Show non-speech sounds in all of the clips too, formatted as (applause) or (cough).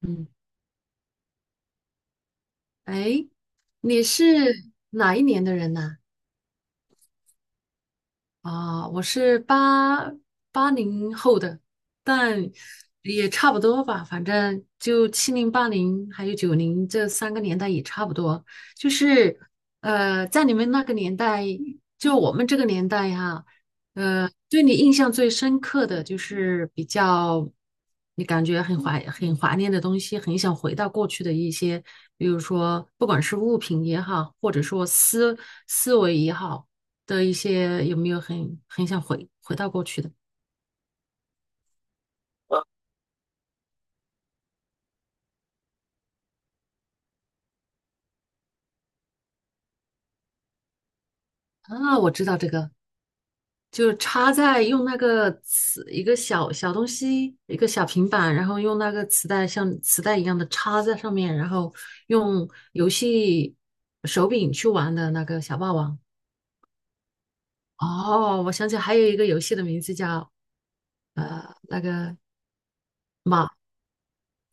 嗯，哎，你是哪一年的人呐？我是八零后的，但也差不多吧。反正就七零、八零还有九零这三个年代也差不多。就是在你们那个年代，就我们这个年代哈，对你印象最深刻的就是比较你感觉很怀念的东西，很想回到过去的一些，比如说不管是物品也好，或者说思维也好。的一些有没有很想回到过去的？啊？我知道这个，就是插在用那个磁一个小小东西，一个小平板，然后用那个磁带像磁带一样的插在上面，然后用游戏手柄去玩的那个小霸王。哦，我想起还有一个游戏的名字叫呃那个马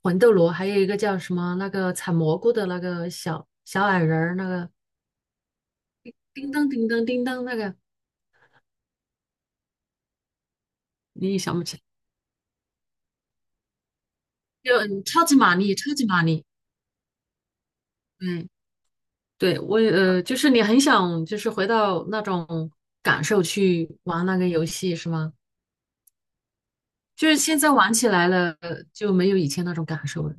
魂斗罗，还有一个叫什么那个采蘑菇的那个小小矮人儿，那个叮当叮当叮当那个，你也想不起来。超级玛丽，超级玛丽。嗯，对，就是你很想就是回到那种感受去玩那个游戏是吗？就是现在玩起来了就没有以前那种感受了。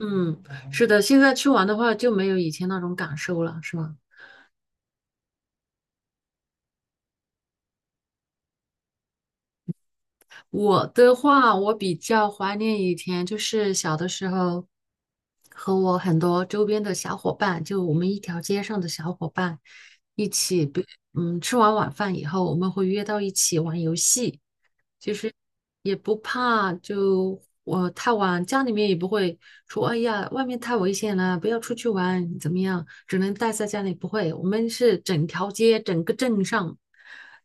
嗯，是的，现在去玩的话就没有以前那种感受了，是吗？我的话，我比较怀念以前，就是小的时候，和我很多周边的小伙伴，就我们一条街上的小伙伴，一起，比嗯，吃完晚饭以后，我们会约到一起玩游戏。其实也不怕，就我太晚，家里面也不会说，哎呀，外面太危险了，不要出去玩，怎么样？只能待在家里，不会。我们是整条街、整个镇上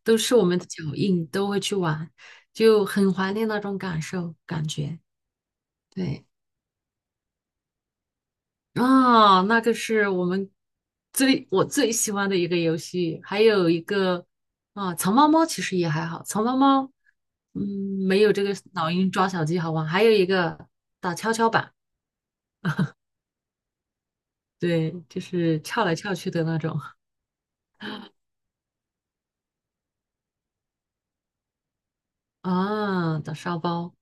都是我们的脚印，都会去玩，就很怀念那种感受感觉。对，啊，那个是我最喜欢的一个游戏，还有一个，啊，藏猫猫其实也还好，藏猫猫嗯没有这个老鹰抓小鸡好玩。还有一个打跷跷板，对，就是翘来翘去的那种。 (laughs) 啊，打沙包。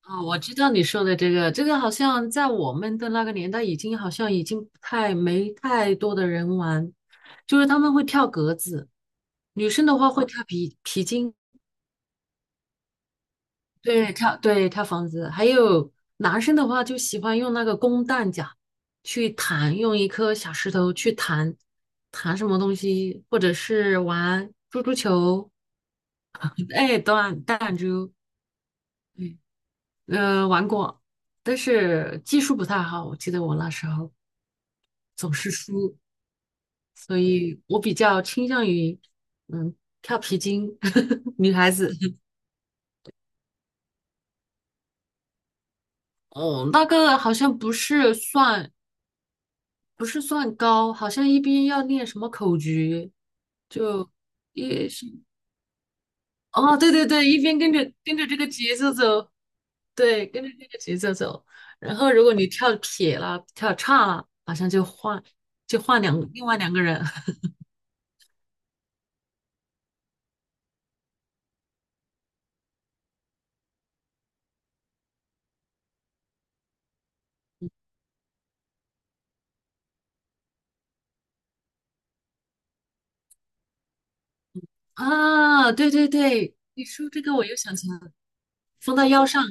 啊，我知道你说的这个，这个好像在我们的那个年代已经好像已经不太没太多的人玩，就是他们会跳格子，女生的话会跳皮筋。对跳对跳房子，还有男生的话就喜欢用那个弓弹夹去弹，用一颗小石头去弹弹什么东西，或者是玩珠珠球，哎，弹弹珠。嗯，玩过，但是技术不太好，我记得我那时候总是输，所以我比较倾向于嗯跳皮筋。(laughs) 女孩子。哦，那个好像不是算，不是算高，好像一边要念什么口诀，就也是，哦，对对对，一边跟着跟着这个节奏走，对，跟着这个节奏走。然后如果你跳撇了、跳岔了，好像就换就换两另外两个人。 (laughs) 啊，对对对，你说这个我又想起来了，放到腰上，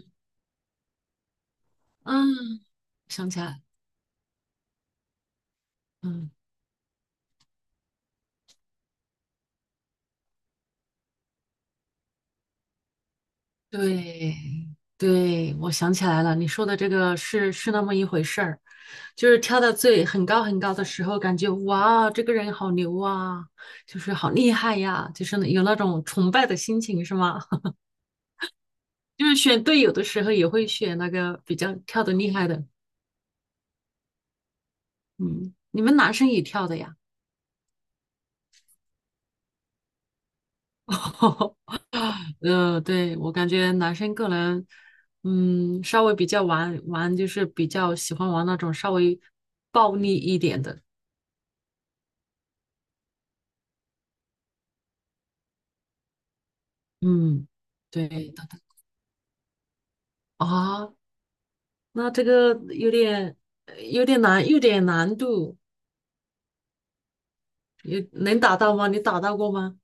嗯，想起来。嗯。对，对，我想起来了，你说的这个是那么一回事儿，就是跳到最很高很高的时候，感觉哇，这个人好牛啊，就是好厉害呀，就是有那种崇拜的心情，是吗？(laughs) 就是选队友的时候也会选那个比较跳得厉害的。嗯，你们男生也跳的呀？(laughs) 对，我感觉男生个人，嗯，稍微比较玩玩，就是比较喜欢玩那种稍微暴力一点的。嗯，对，等等啊，那这个有点有点难，有点难度。有能打到吗？你打到过吗？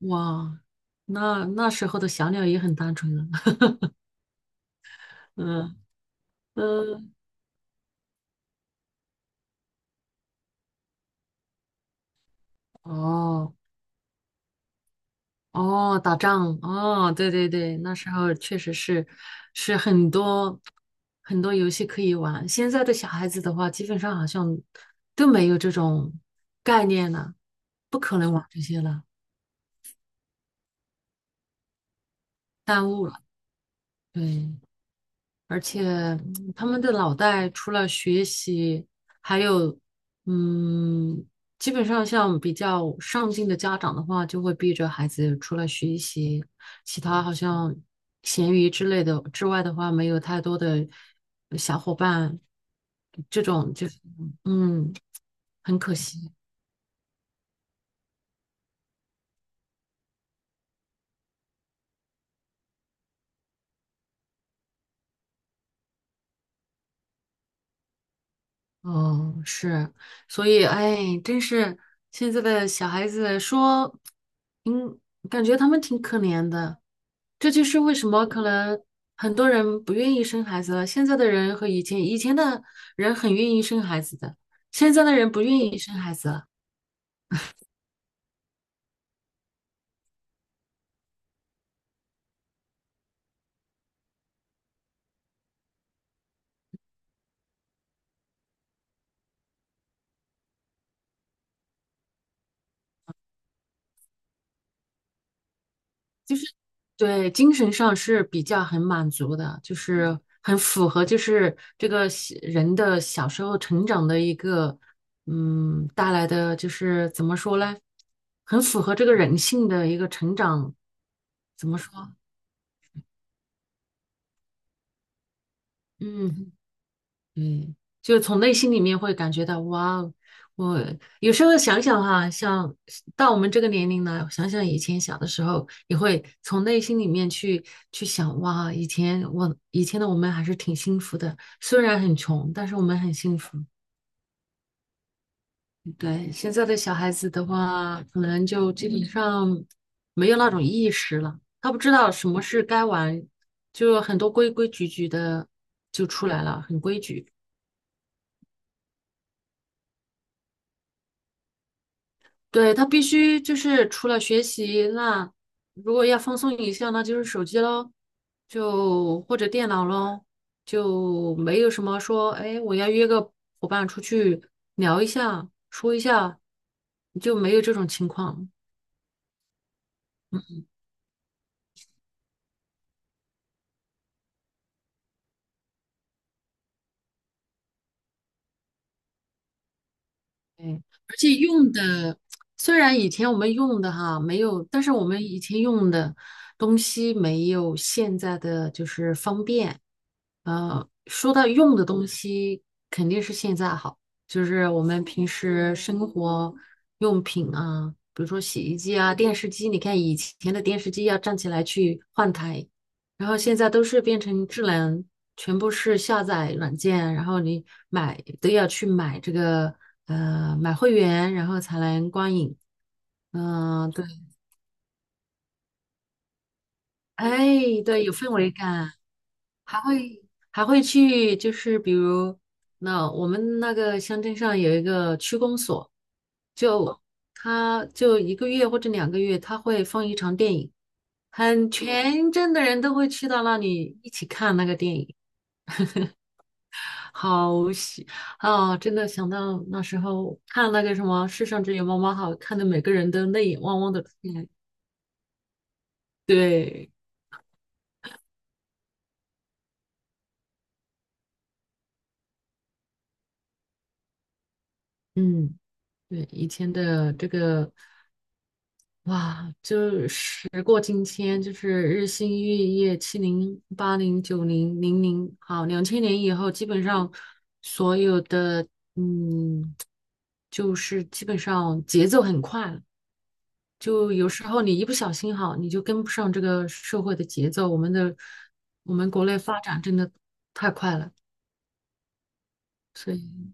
哇，那那时候的小鸟也很单纯了。(laughs) 嗯嗯，哦哦，打仗哦，对对对，那时候确实是是很多很多游戏可以玩，现在的小孩子的话，基本上好像都没有这种概念了，不可能玩这些了，耽误了，对。而且他们的脑袋除了学习，还有，嗯，基本上像比较上进的家长的话，就会逼着孩子除了学习，其他好像闲鱼之类的之外的话，没有太多的小伙伴，这种就是嗯，很可惜。哦，是，所以哎，真是现在的小孩子说，嗯，感觉他们挺可怜的。这就是为什么可能很多人不愿意生孩子了。现在的人和以前，以前的人很愿意生孩子的，现在的人不愿意生孩子了。对，精神上是比较很满足的，就是很符合，就是这个小人的小时候成长的一个，嗯，带来的就是怎么说呢，很符合这个人性的一个成长，怎么说？嗯，对，就是从内心里面会感觉到，哇哦，我有时候想想哈，像到我们这个年龄呢，想想以前小的时候，也会从内心里面去想，哇，以前我以前的我们还是挺幸福的，虽然很穷，但是我们很幸福。对，现在的小孩子的话，可能就基本上没有那种意识了，他不知道什么是该玩，就很多规规矩矩的就出来了，很规矩。对，他必须就是除了学习，那如果要放松一下，那就是手机喽，就或者电脑喽，就没有什么说，哎，我要约个伙伴出去聊一下，说一下，就没有这种情况。对，而且用的虽然以前我们用的哈没有，但是我们以前用的东西没有现在的就是方便。说到用的东西，肯定是现在好，就是我们平时生活用品啊，比如说洗衣机啊、电视机。你看以前的电视机要站起来去换台，然后现在都是变成智能，全部是下载软件，然后你买都要去买这个买会员，然后才能观影。嗯，对，哎，对，有氛围感，还会还会去，就是比如那我们那个乡镇上有一个区公所，就他就一个月或者两个月，他会放一场电影，很全镇的人都会去到那里一起看那个电影。好喜啊！真的想到那时候看那个什么《世上只有妈妈好》，看的每个人都泪眼汪汪的出来。对，嗯，对，以前的这个哇，就时过境迁，就是日新月异，七零、八零、九零、零零，好，2000年以后，基本上所有的，嗯，就是基本上节奏很快，就有时候你一不小心哈，你就跟不上这个社会的节奏。我们的我们国内发展真的太快了，所以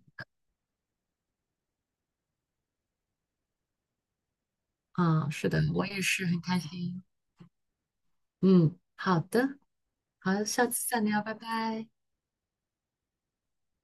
啊，是的，我也是很开心。嗯，好的，好，下次再聊，拜拜。